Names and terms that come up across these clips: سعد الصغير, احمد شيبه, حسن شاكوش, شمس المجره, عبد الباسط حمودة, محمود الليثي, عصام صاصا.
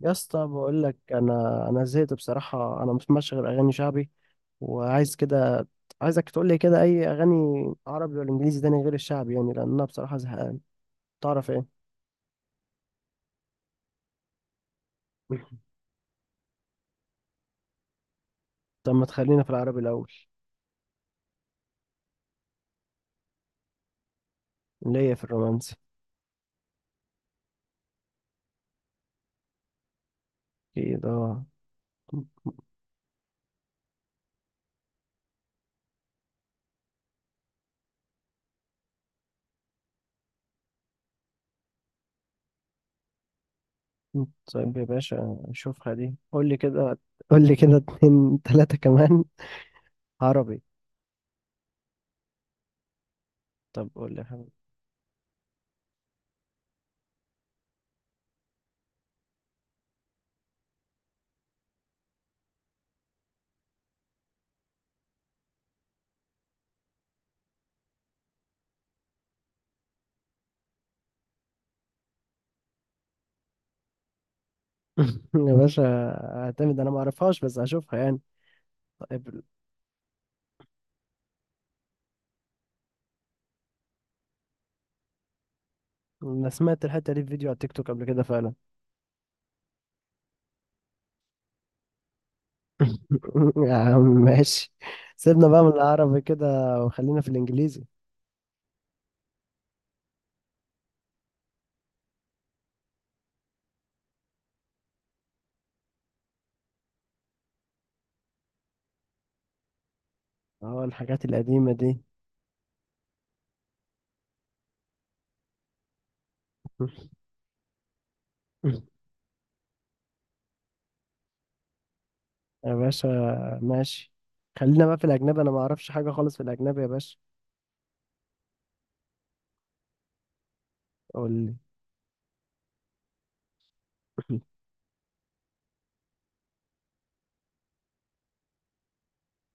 يا اسطى، بقول لك انا زهقت بصراحه. انا مش ماشي غير اغاني شعبي وعايز كده. عايزك تقول لي كده اي اغاني، عربي ولا انجليزي، تاني غير الشعبي يعني، لان انا بصراحه زهقان. تعرف ايه؟ طب ما تخلينا في العربي الاول. اللي هي في الرومانسي. اكيد اه. طيب يا باشا، شوفها دي، قول لي كده اتنين تلاته كمان عربي. طب قول لي يا حبيبي. يا باشا، اعتمد. انا ما اعرفهاش بس هشوفها يعني. طيب. انا سمعت الحته دي في فيديو على التيك توك قبل كده فعلا. يا عم ماشي. سيبنا بقى من العربي كده وخلينا في الانجليزي. اه، الحاجات القديمة دي. يا باشا، ماشي، خلينا بقى في الاجنبي. انا ما اعرفش حاجة خالص في الاجنبي يا باشا. قول لي.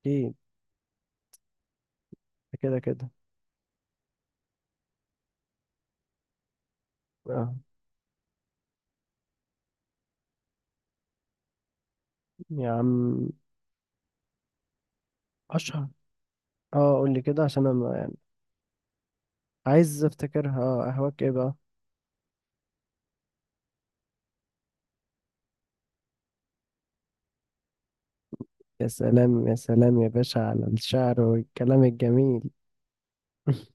اكيد. كده كده. اه، يا عم. اشهر. اه، قول لي كده عشان انا ما- عايز افتكرها. اه قهوك ايه بقى؟ يا سلام يا سلام يا باشا على الشعر والكلام الجميل.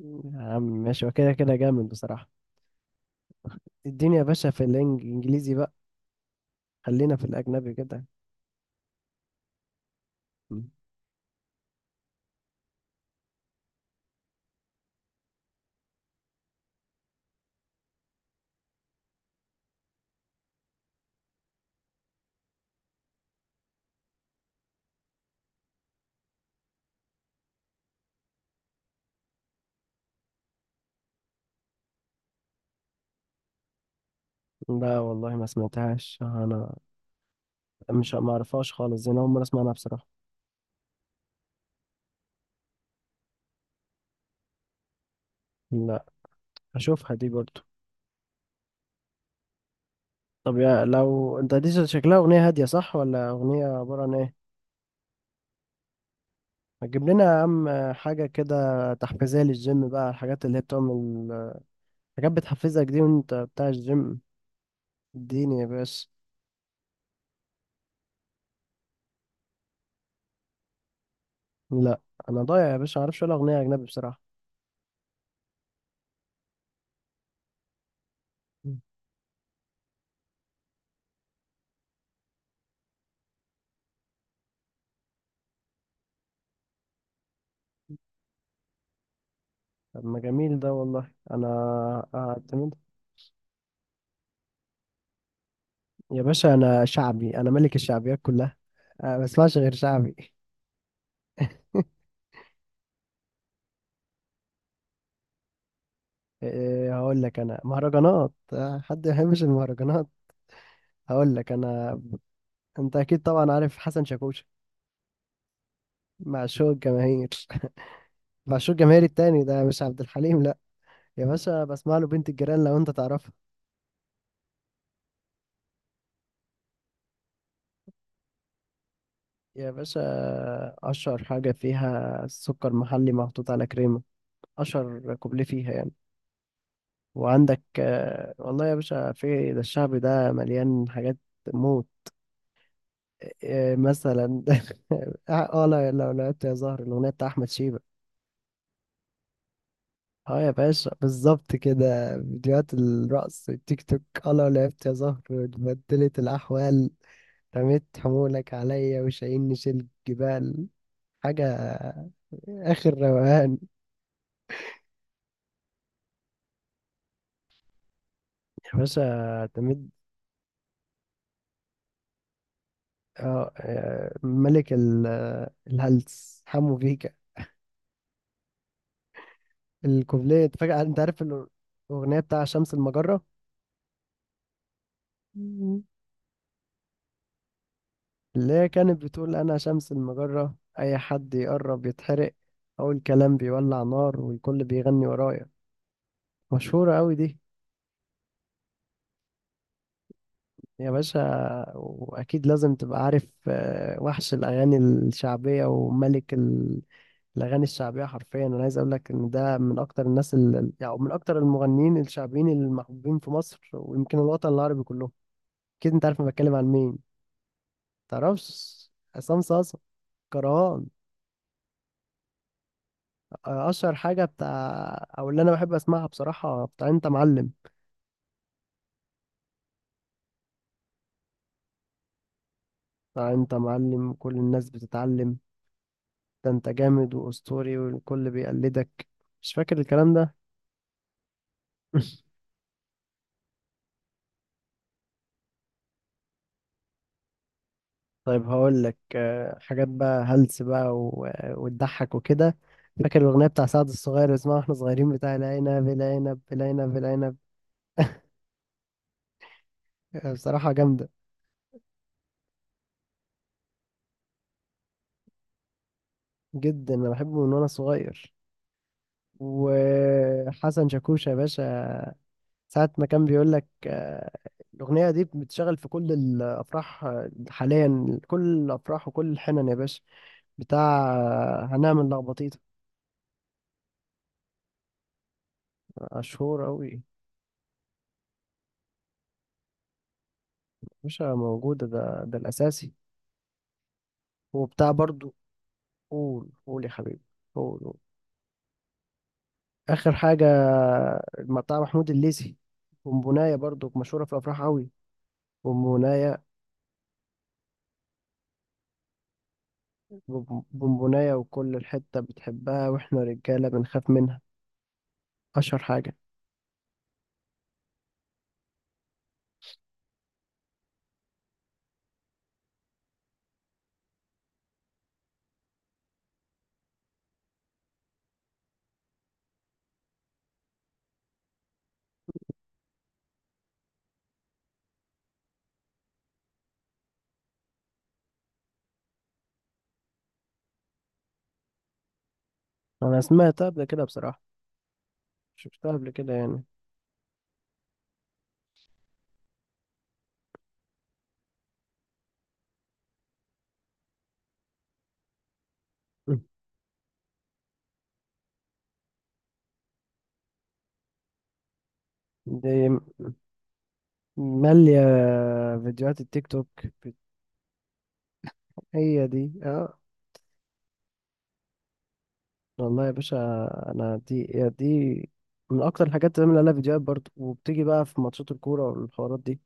يا عم ماشي. وكده كده جامد بصراحة. اديني يا باشا في الانجليزي بقى. خلينا في الاجنبي كده. م. لا والله ما سمعتهاش انا. مش ما اعرفهاش خالص، زي انا اول مره اسمعها بصراحه. لا، هشوفها دي برضو. طب يا، لو انت دي شكلها اغنيه هاديه صح، ولا اغنيه عباره عن ايه؟ هتجيب لنا يا عم حاجه كده تحفيزيه للجيم بقى، الحاجات اللي هي بتعمل حاجات بتحفزك دي وانت بتاع الجيم. اديني يا باشا. لا. انا ضايع يا باشا، ما اعرفش ولا اغنيه اجنبي بصراحه. م. طب ما جميل ده والله. انا هعتمد. يا باشا انا شعبي، انا ملك الشعبيات كلها. أنا ما بسمعش غير شعبي. إيه، هقول لك انا مهرجانات، حد ما يحبش المهرجانات؟ هقول لك انا. انت اكيد طبعا عارف حسن شاكوش. معشوق الجماهير. معشوق الجماهير التاني، ده مش عبد الحليم لا. يا باشا بسمع له بنت الجيران، لو انت تعرفها. يا باشا، اشهر حاجه فيها سكر محلي محطوط على كريمه. اشهر كوبليه فيها يعني. وعندك، والله يا باشا في ده الشعبي ده مليان حاجات موت. إيه مثلا؟ اه، لا، لو لعبت يا زهر، الاغنيه بتاع احمد شيبه. اه يا باشا، بالظبط كده، فيديوهات الرقص التيك توك. اه، لو لعبت يا زهر اتبدلت الاحوال، رميت حمولك عليا وشايلني شيل جبال. حاجه اخر روقان. يا باشا تمد. ملك الهلس، حمو بيكا. الكوبليه فجأة، انت عارف؟ الاغنيه بتاع شمس المجره، اللي هي كانت بتقول: أنا شمس المجرة، أي حد يقرب يتحرق. أول كلام بيولع نار والكل بيغني ورايا. مشهورة أوي دي يا باشا. وأكيد لازم تبقى عارف، وحش الأغاني الشعبية وملك الأغاني الشعبية. حرفيا أنا عايز أقول لك إن ده من أكتر الناس يعني من أكتر المغنيين الشعبيين المحبوبين في مصر، ويمكن الوطن العربي كله. أكيد أنت عارف أنا بتكلم عن مين. متعرفش؟ عصام صاصا كرهان. اشهر حاجه بتاع، او اللي انا بحب اسمعها بصراحه، بتاع انت معلم. بتاع انت معلم كل الناس بتتعلم، ده انت جامد واسطوري والكل بيقلدك. مش فاكر الكلام ده؟ طيب، هقول لك حاجات بقى هلس بقى و- وتضحك وكده. فاكر الاغنيه بتاع سعد الصغير، اللي اسمها واحنا صغيرين، بتاع العنب العنب العنب العنب؟ بصراحه جامده جدا. انا بحبه من وانا صغير. وحسن شاكوش يا باشا، ساعة ما كان بيقول لك الأغنية دي بتشتغل في كل الأفراح، حاليا كل الأفراح وكل الحنن يا باشا. بتاع هنعمل لخبطيطة. مشهور أوي يا باشا، موجودة. ده الأساسي. وبتاع برضو. قول قول يا حبيبي. قول قول. آخر حاجة، بتاع محمود الليثي. بونبوناية، برضو مشهورة في الأفراح أوي. بونبوناية. بونبوناية، وكل الحتة بتحبها وإحنا رجالة بنخاف منها. أشهر حاجة. أنا سمعتها قبل كده بصراحة. شفتها قبل كده يعني. مم. دي مالية فيديوهات التيك توك. بت- هي دي اه. والله يا باشا، انا دي يا دي من اكتر الحاجات اللي بعمل لها فيديوهات برضه، وبتيجي بقى في ماتشات الكورة والحوارات دي.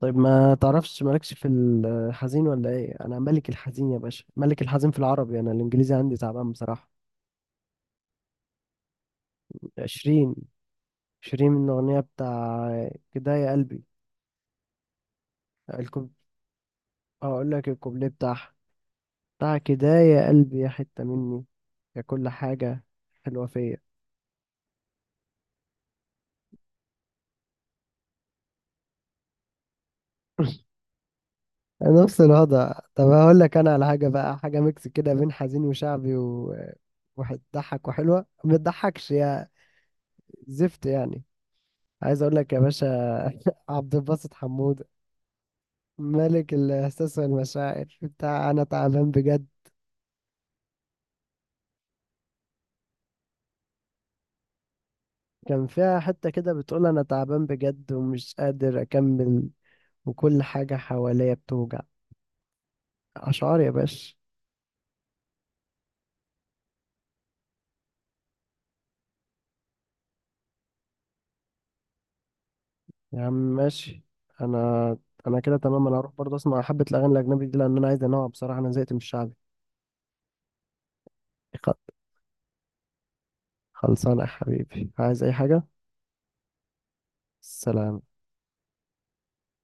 طيب، ما تعرفش مالكش في الحزين ولا ايه؟ انا ملك الحزين يا باشا، ملك الحزين في العربي. انا الانجليزي عندي تعبان بصراحة. عشرين عشرين من الاغنية بتاع كده يا قلبي. الكوب هقول لك الكوبليه بتاعها. دعك ده يا قلبي، يا حتة مني، يا كل حاجة حلوة فيا. نفس الوضع. طب هقول لك انا على حاجة بقى، حاجة ميكس كده بين حزين وشعبي، و وهتضحك وحلوة. ما تضحكش يا زفت يعني. عايز اقول لك يا باشا، عبد الباسط حمودة. ملك الاحساس والمشاعر بتاع انا تعبان بجد. كان فيها حتة كده بتقول: انا تعبان بجد ومش قادر اكمل، وكل حاجة حواليا بتوجع. اشعار يا باشا. يا عم ماشي. انا انا كده تمام. انا هروح برضه اسمع حبة الاغاني الاجنبي دي، لان انا عايز انوع بصراحة. انا زهقت من الشعبي. خ- خلصانه يا حبيبي. عايز اي حاجة؟ سلام.